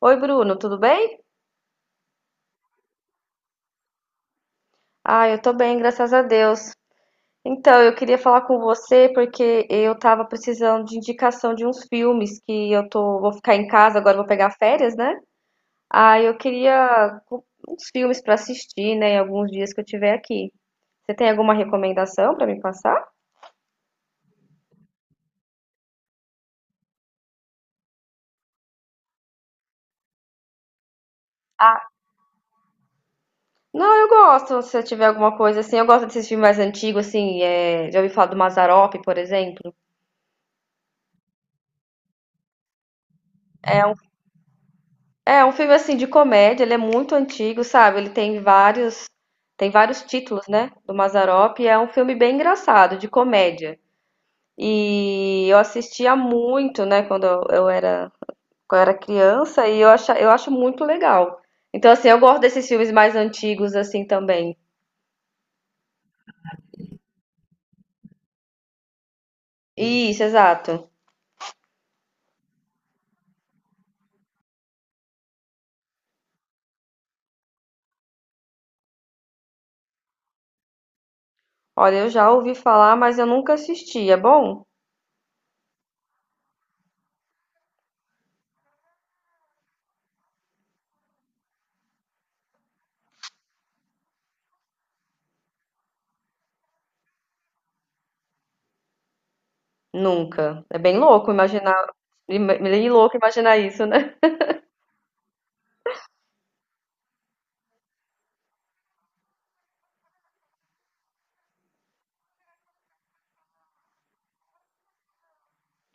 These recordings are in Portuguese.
Oi, Bruno, tudo bem? Ah, eu tô bem, graças a Deus. Então, eu queria falar com você porque eu tava precisando de indicação de uns filmes que vou ficar em casa agora, vou pegar férias, né? Ah, eu queria uns filmes pra assistir, né, em alguns dias que eu tiver aqui. Você tem alguma recomendação pra me passar? Ah, não, eu gosto, se eu tiver alguma coisa assim, eu gosto desses filmes mais antigos, assim, já ouvi falar do Mazzaropi, por exemplo. É um é um filme assim de comédia, ele é muito antigo, sabe? Ele tem vários títulos, né, do Mazzaropi, e é um filme bem engraçado, de comédia. E eu assistia muito, né, quando eu era criança e eu acho muito legal. Então assim, eu gosto desses filmes mais antigos assim também. Isso, exato. Olha, eu já ouvi falar, mas eu nunca assisti. É bom? Nunca. Bem louco imaginar isso, né?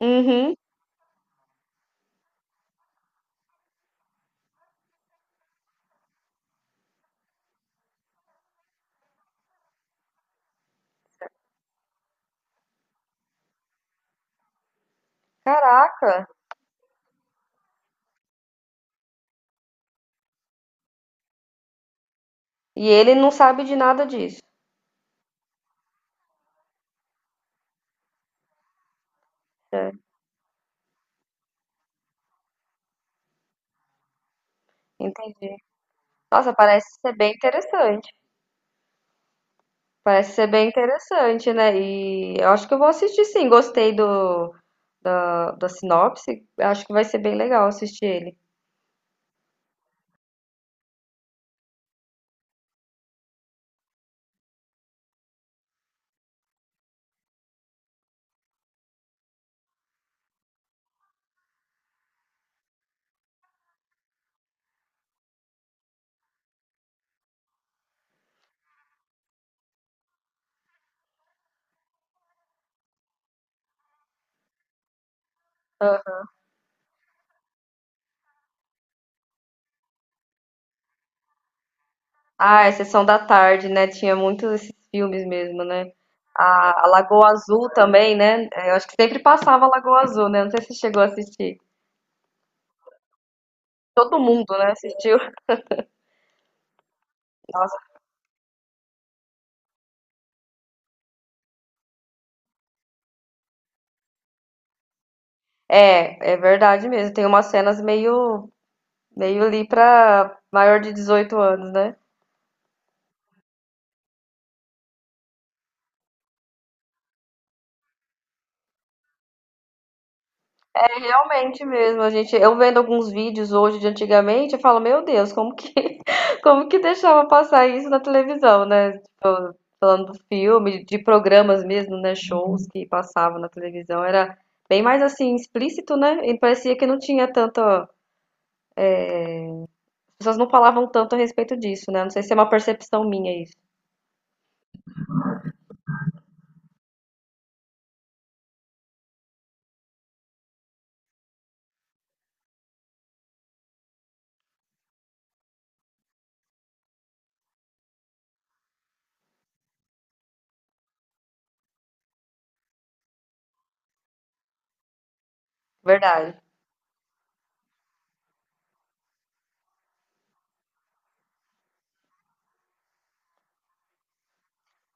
Uhum. Caraca. E ele não sabe de nada disso. É, entendi. Nossa, parece ser bem interessante. Parece ser bem interessante, né? E eu acho que eu vou assistir sim. Gostei da sinopse. Acho que vai ser bem legal assistir ele. Ah, ah, é Sessão da Tarde, né? Tinha muitos esses filmes mesmo, né? A Lagoa Azul também, né? É, eu acho que sempre passava a Lagoa Azul, né? Não sei se chegou a assistir. Todo mundo, né? Assistiu. Nossa. É, é verdade mesmo. Tem umas cenas meio. Veio ali pra maior de 18 anos, né? É realmente mesmo, a gente, eu vendo alguns vídeos hoje de antigamente, eu falo, meu Deus, como que, como que deixava passar isso na televisão, né? Tipo, falando do filme, de programas mesmo, né? Shows que passavam na televisão, era bem mais assim, explícito, né? E parecia que não tinha tanta, as pessoas não falavam tanto a respeito disso, né? Não sei se é uma percepção minha isso. Verdade.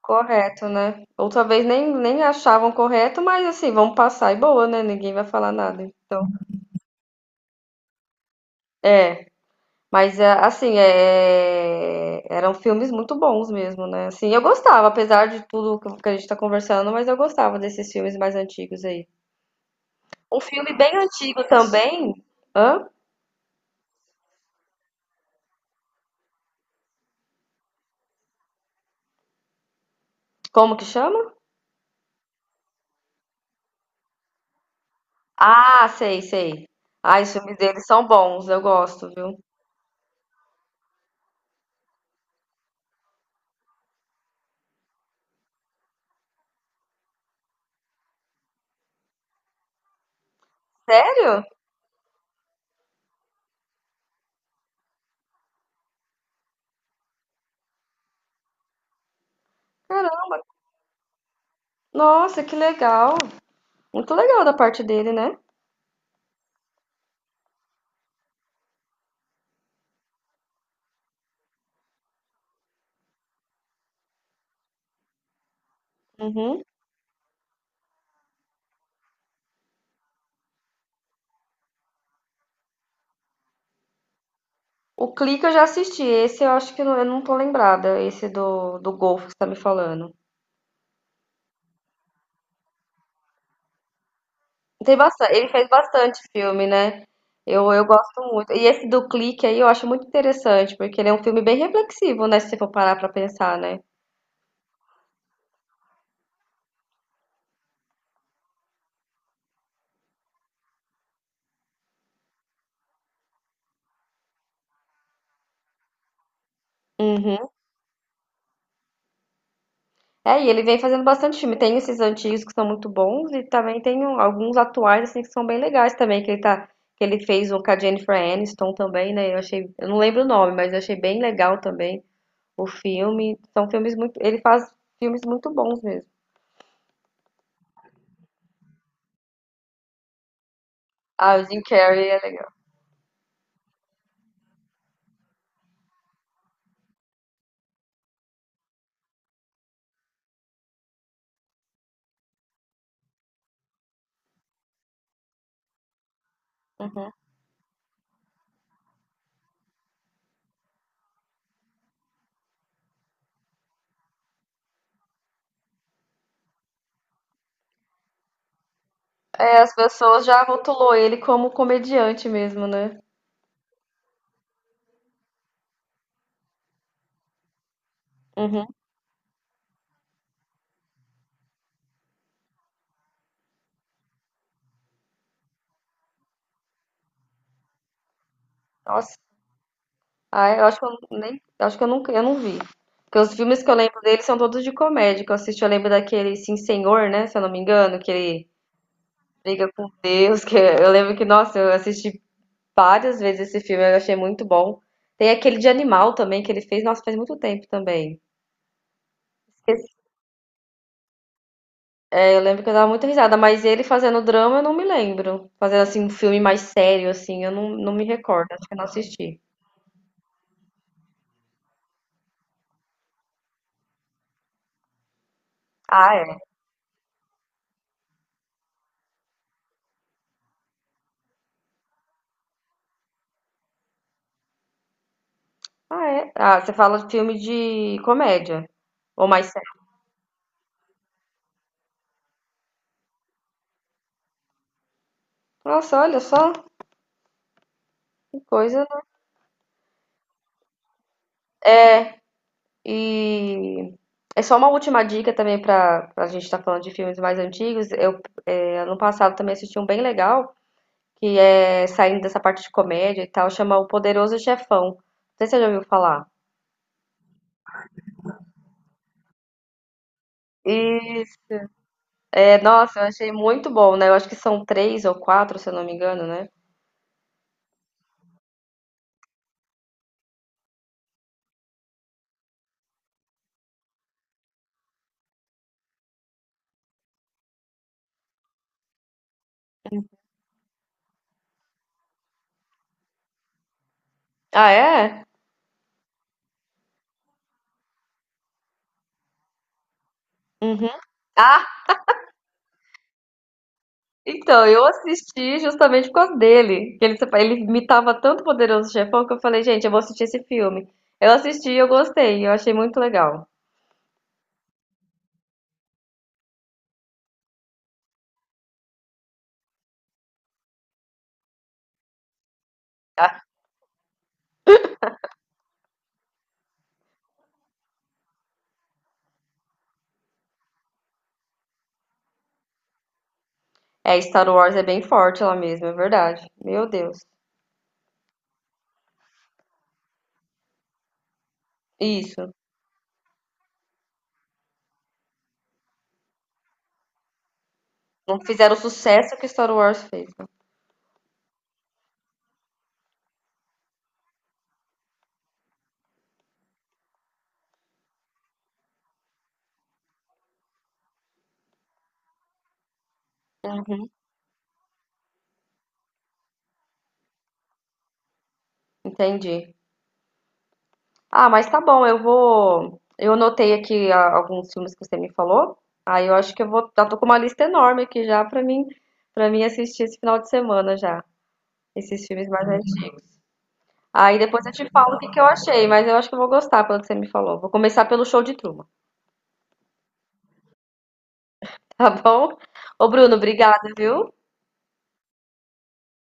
Correto, né? Outra vez nem achavam correto, mas assim, vamos passar e boa, né? Ninguém vai falar nada. É, mas é, assim, é, eram filmes muito bons mesmo, né? Assim, eu gostava, apesar de tudo que a gente tá conversando, mas eu gostava desses filmes mais antigos aí. Um filme bem antigo também, hã? Como que chama? Ah, sei, sei. Ah, os filmes deles são bons, eu gosto, viu? Sério? Caramba! Nossa, que legal! Muito legal da parte dele, né? Uhum. O Clique eu já assisti. Esse eu acho que eu não tô lembrada. Esse do Golfo que você tá me falando. Tem bastante, ele fez bastante filme, né? Eu gosto muito. E esse do Clique aí eu acho muito interessante, porque ele é um filme bem reflexivo, né? Se você for parar pra pensar, né? Uhum. É, e ele vem fazendo bastante filme. Tem esses antigos que são muito bons e também tem alguns atuais assim que são bem legais também, que ele fez um com a Jennifer Aniston também, né? Eu achei, eu não lembro o nome, mas eu achei bem legal também. O filme, são filmes muito, ele faz filmes muito bons mesmo. Ah, o Jim Carrey é legal. Uhum. É, as pessoas já rotulou ele como comediante mesmo, né? Uhum. Nossa. Ah, eu acho que eu nem, acho que eu nunca, eu não vi. Porque os filmes que eu lembro dele são todos de comédia que eu assisti. Eu lembro daquele Sim Senhor, né? Se eu não me engano, que ele briga com Deus. Que eu lembro que, nossa, eu assisti várias vezes esse filme, eu achei muito bom. Tem aquele de animal também que ele fez, nossa, faz muito tempo também. Eu lembro que eu dava muita risada, mas ele fazendo drama eu não me lembro. Fazendo assim um filme mais sério, assim, eu não me recordo, acho que eu não assisti. Ah, é. Ah, é. Ah, você fala de filme de comédia. Ou mais sério. Nossa, olha só, que coisa, né? É, e é só uma última dica também para a gente estar falando de filmes mais antigos. Eu ano passado também assisti um bem legal, que é saindo dessa parte de comédia e tal, chama O Poderoso Chefão. Não sei se você já ouviu falar. É, nossa, eu achei muito bom, né? Eu acho que são três ou quatro, se eu não me engano, né? Ah, é? Uhum. Ah, então, eu assisti justamente por causa dele. Que ele imitava tanto o Poderoso Chefão que eu falei, gente, eu vou assistir esse filme. Eu assisti e eu gostei, eu achei muito legal. Ah, é, Star Wars é bem forte lá mesmo, é verdade. Meu Deus. Isso. Não fizeram o sucesso que Star Wars fez, né? Entendi. Ah, mas tá bom, eu vou. Eu anotei aqui alguns filmes que você me falou. Aí eu acho que eu vou. Já tô com uma lista enorme aqui já pra mim, para mim assistir esse final de semana já. Esses filmes mais, uhum, antigos. Aí depois eu te falo o que que eu achei, mas eu acho que eu vou gostar pelo que você me falou. Vou começar pelo Show de Truman, tá bom? Ô, Bruno, obrigada, viu?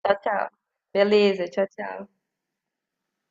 Tchau, tchau. Beleza, tchau, tchau.